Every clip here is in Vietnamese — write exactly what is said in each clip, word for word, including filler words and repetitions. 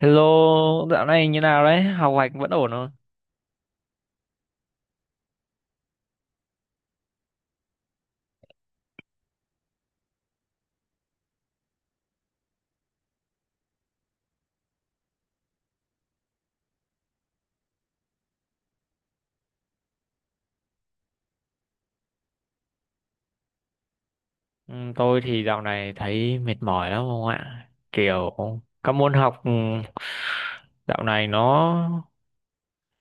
Hello, dạo này như nào đấy? Học hành vẫn ổn không? Ừ, tôi thì dạo này thấy mệt mỏi lắm không ạ? Kiểu các môn học ừ, dạo này nó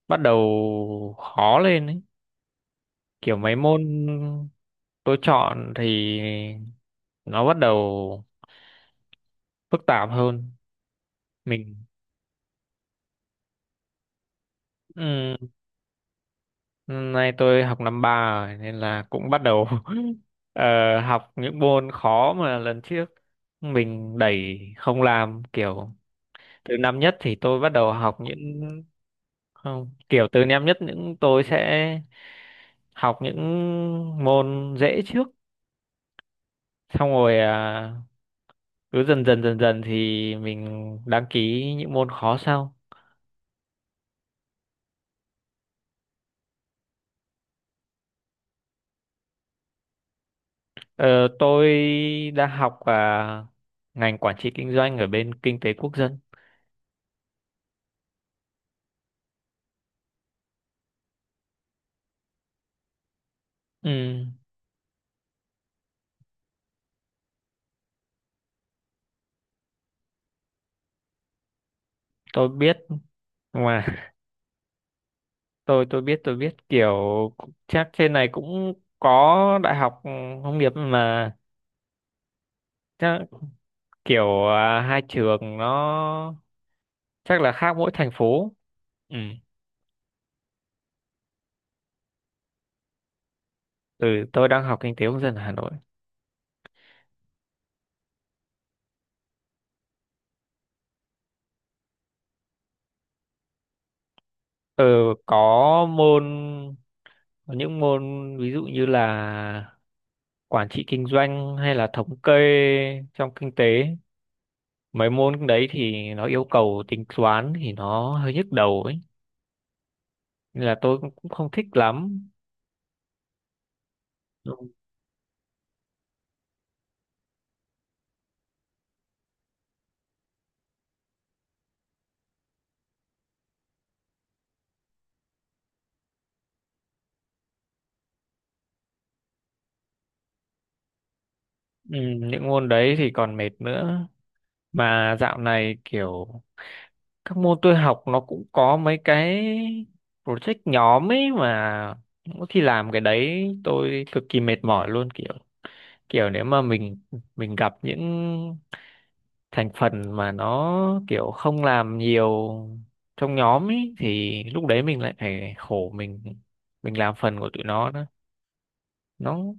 bắt đầu khó lên ấy. Kiểu mấy môn tôi chọn thì nó bắt đầu phức tạp hơn. Mình ừ, Nay tôi học năm ba rồi nên là cũng bắt đầu ờ, học những môn khó mà lần trước mình đẩy không làm, kiểu từ năm nhất thì tôi bắt đầu học những không, kiểu từ năm nhất những tôi sẽ học những môn dễ trước, xong rồi à, cứ dần dần dần dần thì mình đăng ký những môn khó sau. Ờ, tôi đang học à, ngành quản trị kinh doanh ở bên kinh tế quốc dân. Ừ, tôi biết mà tôi tôi biết, tôi biết kiểu chắc trên này cũng có đại học ừ, nông nghiệp mà, chắc kiểu à, hai trường nó chắc là khác mỗi thành phố. Ừ, ừ, tôi đang học kinh tế công dân ở Hà Nội. Ừ, có môn có những môn ví dụ như là quản trị kinh doanh hay là thống kê trong kinh tế. Mấy môn đấy thì nó yêu cầu tính toán thì nó hơi nhức đầu ấy. Nên là tôi cũng cũng không thích lắm. Ừ, những môn đấy thì còn mệt nữa, mà dạo này kiểu các môn tôi học nó cũng có mấy cái project nhóm ấy, mà mỗi khi làm cái đấy tôi cực kỳ mệt mỏi luôn, kiểu kiểu nếu mà mình mình gặp những thành phần mà nó kiểu không làm nhiều trong nhóm ấy thì lúc đấy mình lại phải khổ, mình mình làm phần của tụi nó đó. Nó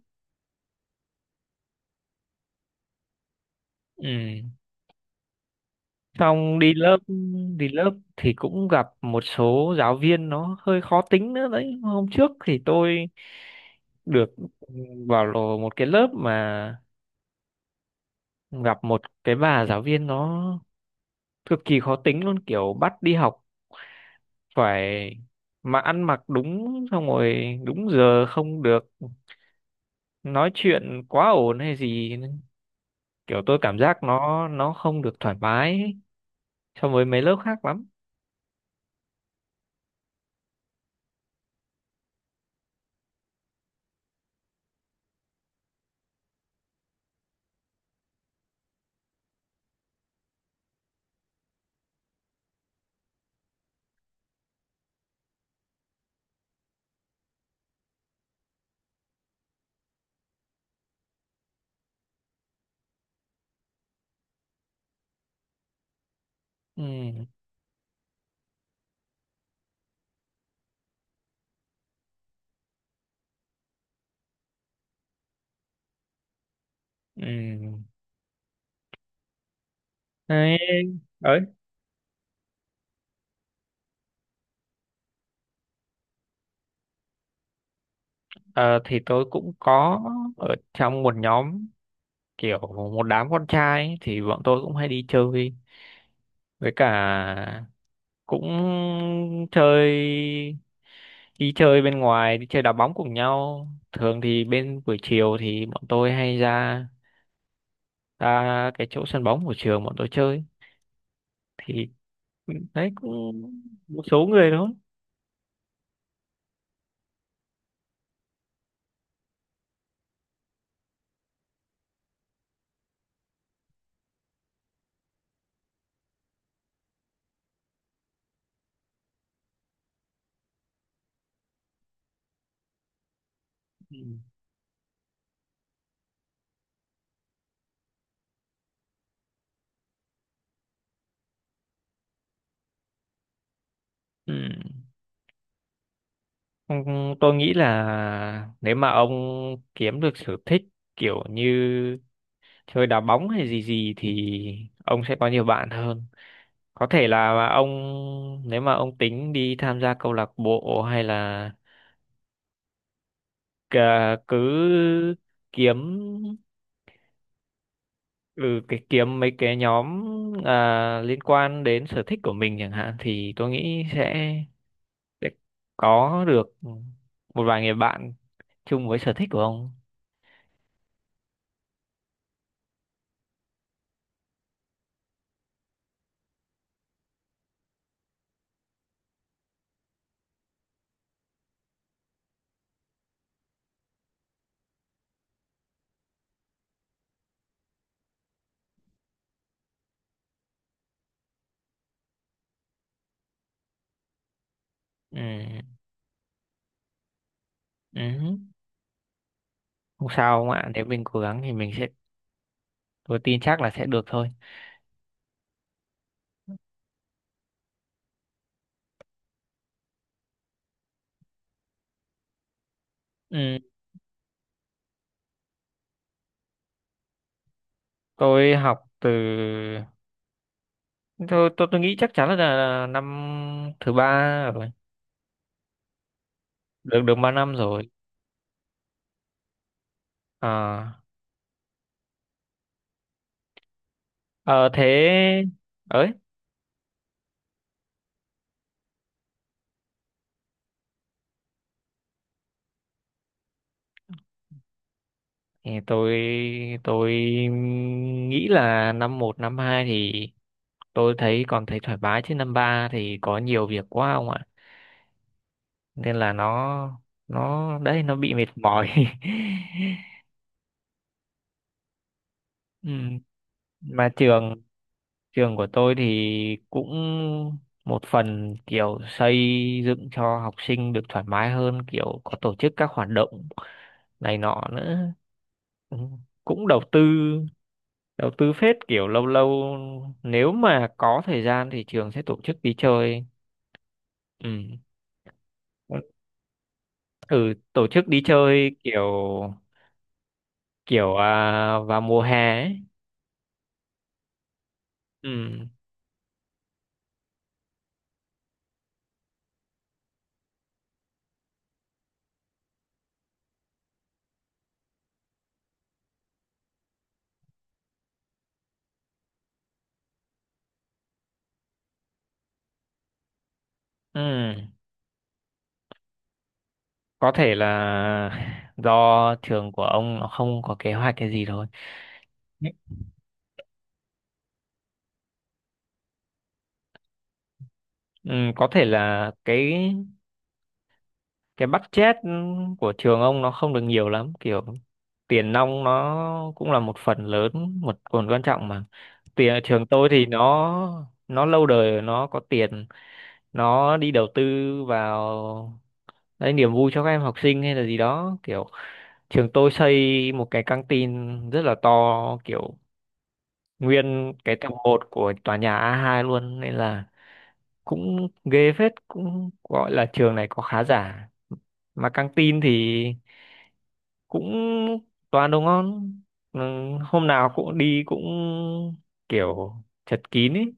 ừ Xong đi lớp, đi lớp thì cũng gặp một số giáo viên nó hơi khó tính nữa đấy. Hôm trước thì tôi được ừ, vào lò một cái lớp mà gặp một cái bà giáo viên nó cực kỳ khó tính luôn, kiểu bắt đi học phải mà ăn mặc đúng, xong rồi đúng giờ, không được nói chuyện quá ồn hay gì, kiểu tôi cảm giác nó nó không được thoải mái so với mấy lớp khác lắm. Ừ, ừ, đấy. Ờ, thì tôi cũng có ở trong một nhóm, kiểu một đám con trai ấy, thì bọn tôi cũng hay đi chơi với cả, cũng chơi, đi chơi bên ngoài, đi chơi đá bóng cùng nhau. Thường thì bên buổi chiều thì bọn tôi hay ra ra cái chỗ sân bóng của trường bọn tôi chơi, thì đấy cũng một số người thôi. Ừ. Ừ. Ừ, tôi nghĩ là nếu mà ông kiếm được sở thích kiểu như chơi đá bóng hay gì gì thì ông sẽ có nhiều bạn hơn. Có thể là ông, nếu mà ông tính đi tham gia câu lạc bộ hay là cà- cứ kiếm, ừ, cái kiếm mấy cái nhóm à, liên quan đến sở thích của mình chẳng hạn, thì tôi nghĩ sẽ, sẽ có được một vài người bạn chung với sở thích của ông. Ừ. Ừ. Không sao ông ạ, nếu mình cố gắng thì mình sẽ tôi tin chắc là sẽ được thôi. Ừ. tôi học từ tôi tôi, tôi nghĩ chắc chắn là, là năm thứ ba rồi. Được được ba năm rồi. à, ờ, Thế ấy, thì tôi tôi nghĩ là năm một năm hai thì tôi thấy còn thấy thoải mái, chứ năm ba thì có nhiều việc quá ông ạ, nên là nó nó đấy, nó bị mệt mỏi. Ừ. mà trường Trường của tôi thì cũng một phần kiểu xây dựng cho học sinh được thoải mái hơn, kiểu có tổ chức các hoạt động này nọ nữa. Ừ, cũng đầu tư, đầu tư phết, kiểu lâu lâu nếu mà có thời gian thì trường sẽ tổ chức đi chơi. Ừ. Ừ, tổ chức đi chơi kiểu kiểu à, vào mùa hè ấy. Ừ. Ừ. Có thể là do trường của ông nó không có kế hoạch cái gì thôi. Ừ, có thể là cái cái budget của trường ông nó không được nhiều lắm, kiểu tiền nong nó cũng là một phần lớn, một phần quan trọng, mà tiền trường tôi thì nó nó lâu đời, nó có tiền, nó đi đầu tư vào đấy niềm vui cho các em học sinh hay là gì đó, kiểu trường tôi xây một cái căng tin rất là to, kiểu nguyên cái tầng một của tòa nhà a hai luôn, nên là cũng ghê phết, cũng gọi là trường này có khá giả, mà căng tin thì cũng toàn đồ ngon. Ừ, hôm nào cũng đi, cũng kiểu chật kín ấy.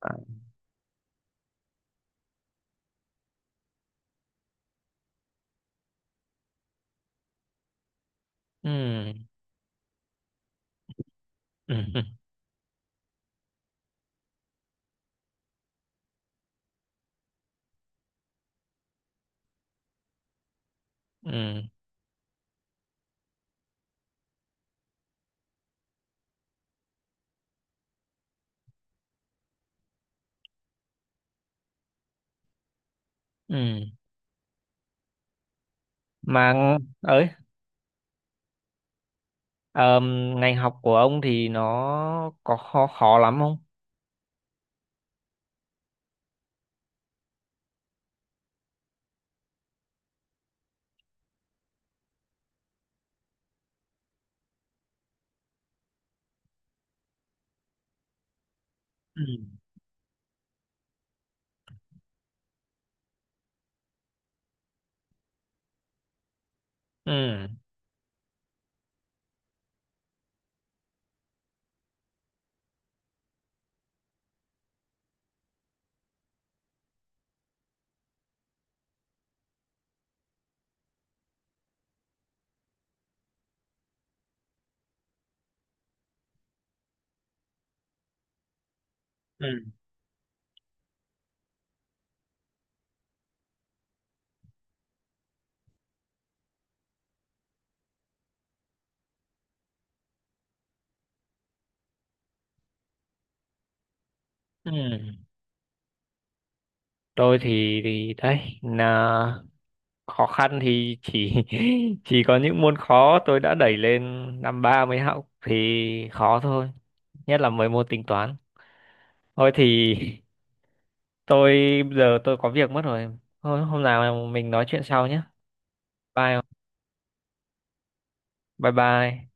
À, ừ, ừ, ừ, ừ. mà ấy ờm, Ngành học của ông thì nó có khó khó lắm không? Ừ, ừ, ừ. Ừ, tôi thì thì đấy là khó khăn, thì chỉ chỉ có những môn khó tôi đã đẩy lên năm ba mới học thì khó thôi, nhất là mấy môn tính toán. Thôi thì tôi bây giờ tôi có việc mất rồi, thôi hôm nào mình nói chuyện sau nhé. Bye bye bye.